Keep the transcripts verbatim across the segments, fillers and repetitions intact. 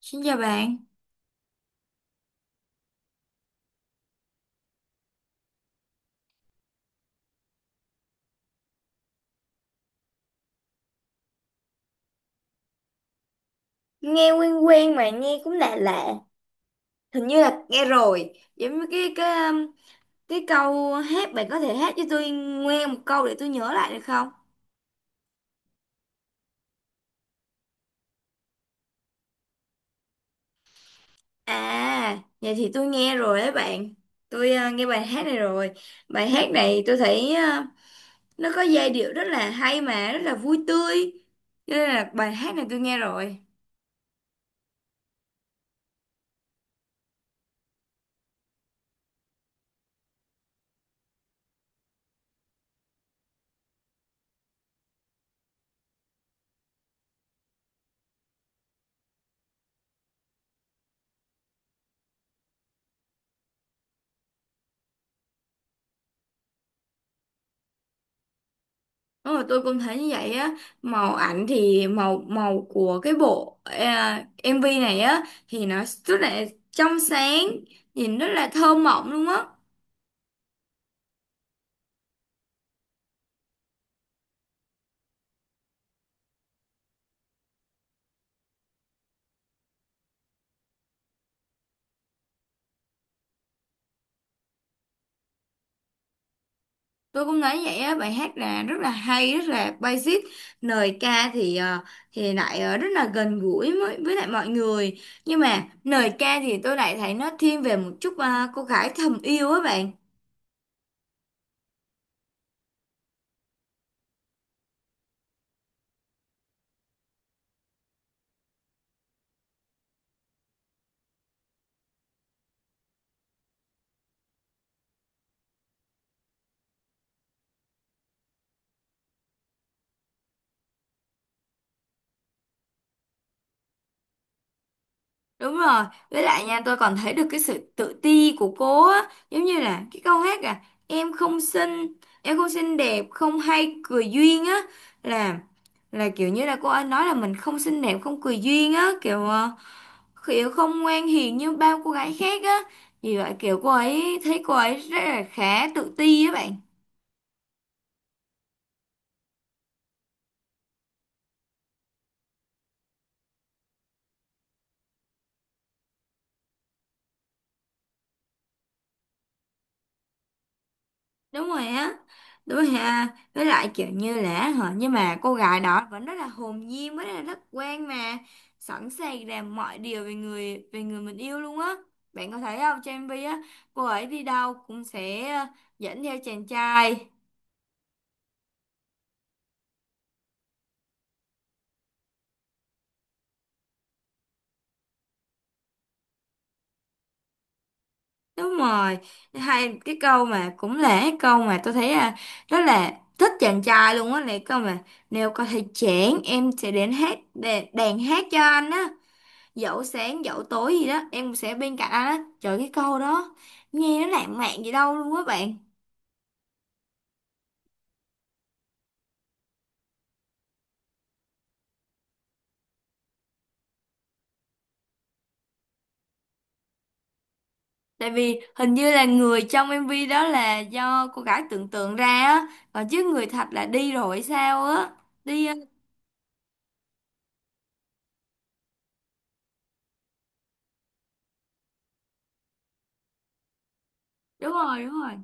Xin chào bạn. Nghe quen quen mà nghe cũng lạ lạ, hình như là nghe rồi, giống như cái cái um, cái câu hát bạn có thể hát cho tôi nghe một câu để tôi nhớ lại được không? À, vậy thì tôi nghe rồi đấy bạn. Tôi ờ, nghe bài hát này rồi. Bài hát này tôi thấy ờ, nó có giai điệu rất là hay mà rất là vui tươi. Cho nên là bài hát này tôi nghe rồi. Đúng rồi, tôi cũng thấy như vậy á. Màu ảnh thì màu màu của cái bộ à, em vi này á thì nó rất là trong sáng, nhìn rất là thơ mộng luôn á. Tôi cũng nói vậy á, bài hát là rất là hay, rất là basic. Lời ca thì ờ, thì lại ờ, rất là gần gũi với, với lại mọi người. Nhưng mà lời ca thì tôi lại thấy nó thiên về một chút à, cô gái thầm yêu á bạn. Đúng rồi, với lại nha tôi còn thấy được cái sự tự ti của cô á, giống như là cái câu hát à, em không xinh, em không xinh đẹp, không hay cười duyên á, là là kiểu như là cô ấy nói là mình không xinh đẹp, không cười duyên á, kiểu ờ, kiểu không ngoan hiền như bao cô gái khác á. Vì vậy kiểu cô ấy thấy cô ấy rất là khá tự ti á bạn. Đúng rồi á, đúng rồi ha. Với lại kiểu như là hả, nhưng mà cô gái đó vẫn rất là hồn nhiên với là rất quen mà, sẵn sàng làm mọi điều về người về người mình yêu luôn á. Bạn có thấy không, trên em vi á cô ấy đi đâu cũng sẽ ờ, dẫn theo chàng trai. Đúng rồi, hay cái câu mà, cũng là cái câu mà tôi thấy là rất là thích chàng trai luôn á, này câu mà nếu có thể chẽn em sẽ đến hát đàn, đàn hát cho anh á, dẫu sáng dẫu tối gì đó em cũng sẽ bên cạnh anh á. Trời, cái câu đó nghe nó lãng mạn gì đâu luôn á bạn. Tại vì hình như là người trong em vi đó là do cô gái tưởng tượng ra á, còn chứ người thật là đi rồi hay sao á, đi ờ, đúng rồi đúng rồi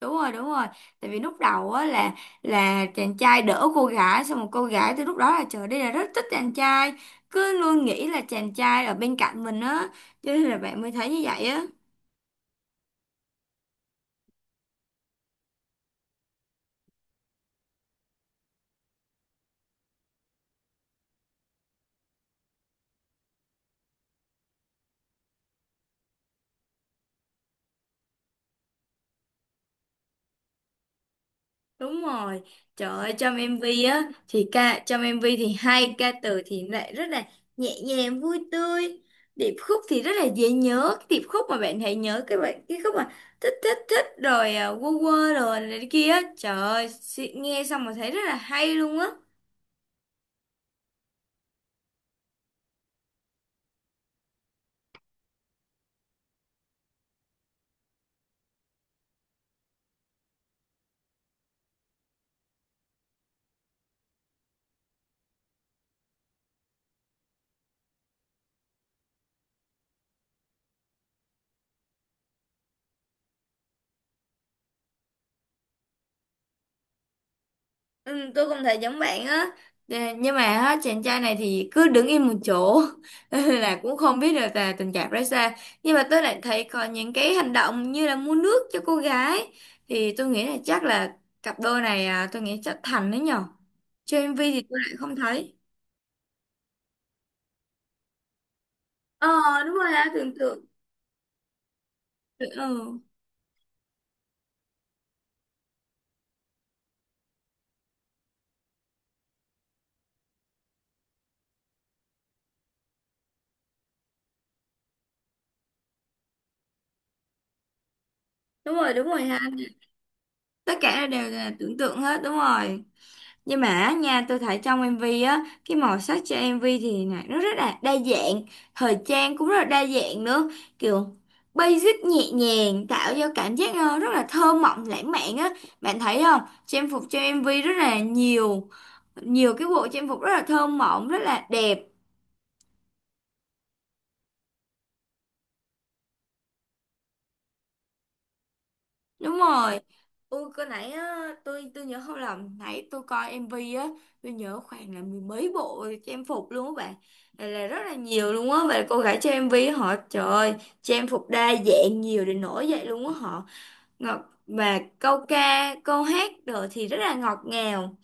đúng rồi đúng rồi Tại vì lúc đầu á là là chàng trai đỡ cô gái xong một cô gái từ lúc đó là trời, đây là rất thích chàng trai, cứ luôn nghĩ là chàng trai ở bên cạnh mình á, cho nên là bạn mới thấy như vậy á. Đúng rồi, trời ơi trong em vi á thì ca trong em vi thì hay, ca từ thì lại rất là nhẹ nhàng vui tươi, điệp khúc thì rất là dễ nhớ, cái điệp khúc mà bạn hãy nhớ cái bạn cái khúc mà thích thích thích rồi à, quơ quơ rồi này kia á, trời ơi, si- nghe xong mà thấy rất là hay luôn á. Ừ, tôi cũng thấy giống bạn á. Nè, nhưng mà á, chàng trai này thì cứ đứng im một chỗ là cũng không biết được là tình cảm ra sao. Nhưng mà tôi lại thấy có những cái hành động như là mua nước cho cô gái, thì tôi nghĩ là chắc là cặp đôi này à, tôi nghĩ chắc thành đấy nhở, trên em vi thì tôi lại không thấy. Ờ, đúng rồi ha, tưởng tượng. Ừ, đúng rồi, đúng rồi ha, tất cả đều là tưởng tượng hết, đúng rồi. Nhưng mà á nha, tôi thấy trong em vi á, cái màu sắc cho em vi thì này nó rất là đa dạng, thời trang cũng rất là đa dạng nữa, kiểu basic nhẹ nhàng, tạo cho cảm giác ờ, rất là thơ mộng lãng mạn á. Bạn thấy không? Trang phục cho em vi rất là nhiều, nhiều cái bộ trang phục rất là thơ mộng, rất là đẹp. Đúng rồi. Ui, cái nãy á, tôi tôi nhớ không lầm, nãy tôi coi em vi á, tôi nhớ khoảng là mười mấy bộ trang phục luôn á bạn, là, là rất là nhiều luôn á, và cô gái trong em á, họ trời ơi, trang phục đa dạng nhiều đến nỗi vậy luôn á, họ ngọt, và câu ca câu hát rồi thì rất là ngọt ngào.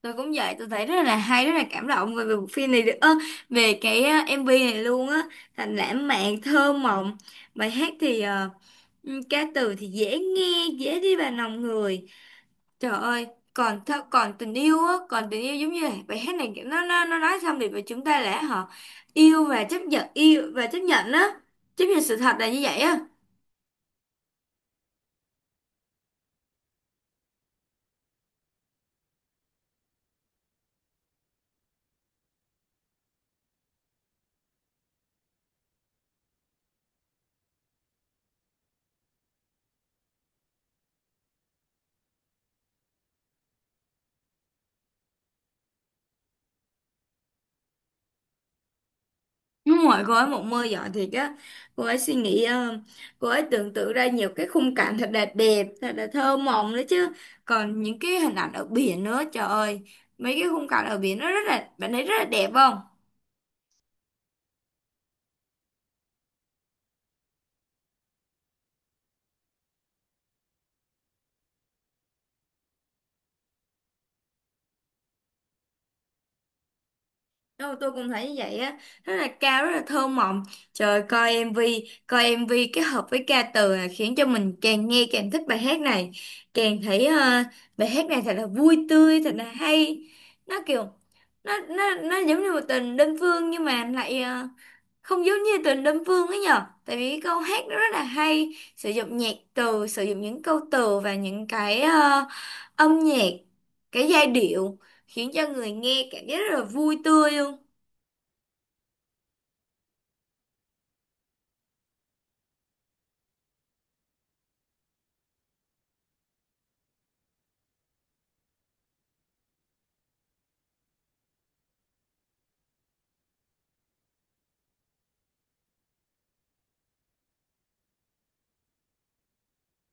Tôi cũng vậy, tôi thấy rất là hay, rất là cảm động về về bộ phim này được ơ, về cái á, em vi này luôn á, thành lãng mạn thơ mộng. Bài hát thì ờ, ừ, ca từ thì dễ nghe, dễ đi vào lòng người. Trời ơi, còn th còn tình yêu á, còn tình yêu giống như là bài hát này kiểu nó nó nó nói xong thì chúng ta lẽ họ yêu và chấp nhận, yêu và chấp nhận á, chấp nhận sự thật là như vậy á. Đúng rồi, cô ấy một mơ giỏi thiệt á. Cô ấy suy nghĩ ờ, cô ấy tưởng tượng ra nhiều cái khung cảnh thật là đẹp, thật là thơ mộng nữa chứ. Còn những cái hình ảnh ở biển nữa, trời ơi, mấy cái khung cảnh ở biển nó rất là, bạn thấy rất là đẹp không? Đâu, tôi cũng thấy như vậy á, rất là cao, rất là thơ mộng. Trời, coi em vi coi em vi kết hợp với ca từ là khiến cho mình càng nghe càng thích bài hát này, càng thấy ờ, bài hát này thật là vui tươi, thật là hay. Nó kiểu, nó nó nó giống như một tình đơn phương, nhưng mà lại ờ, không giống như tình đơn phương ấy nhở, tại vì cái câu hát nó rất là hay, sử dụng nhạc từ, sử dụng những câu từ và những cái ờ, âm nhạc, cái giai điệu khiến cho người nghe cảm giác rất là vui tươi luôn.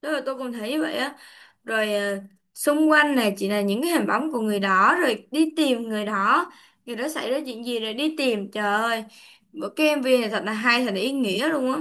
Đó là tôi cũng thấy vậy á, rồi ờ, xung quanh này chỉ là những cái hình bóng của người đó, rồi đi tìm người đó, người đó xảy ra chuyện gì rồi đi tìm. Trời ơi, bộ cái em vi này thật là hay, thật là ý nghĩa luôn á.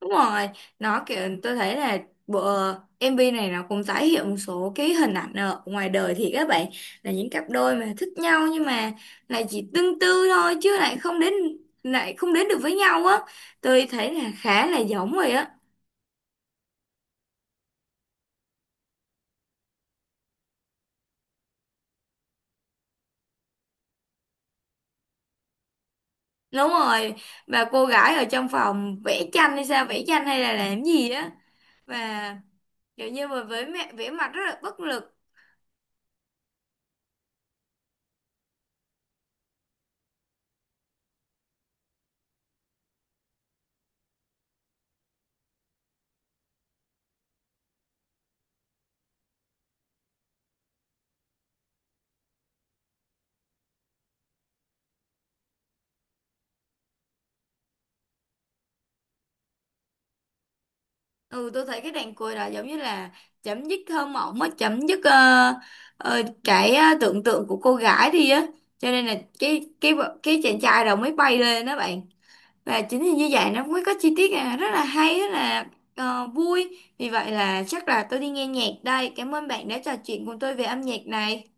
Đúng rồi, nó kiểu tôi thấy là bộ em vi này nó cũng tái hiện một số cái hình ảnh ở ngoài đời, thì các bạn là những cặp đôi mà thích nhau nhưng mà lại chỉ tương tư thôi chứ lại không đến, lại không đến được với nhau á, tôi thấy là khá là giống rồi á. Đúng rồi, và cô gái ở trong phòng vẽ tranh hay sao, vẽ tranh hay là làm gì á, và kiểu như mà với mẹ vẽ mặt rất là bất lực. Ừ, tôi thấy cái đàn cười đó giống như là chấm dứt thơ mộng á, chấm dứt ờ, ờ, cái ờ, tưởng tượng của cô gái đi á. Cho nên là cái cái vợ- cái chàng trai đó mới bay lên đó bạn. Và chính vì như vậy nó mới có chi tiết à, rất là hay, rất là ờ, vui. Vì vậy là chắc là tôi đi nghe nhạc đây. Cảm ơn bạn đã trò chuyện cùng tôi về âm nhạc này.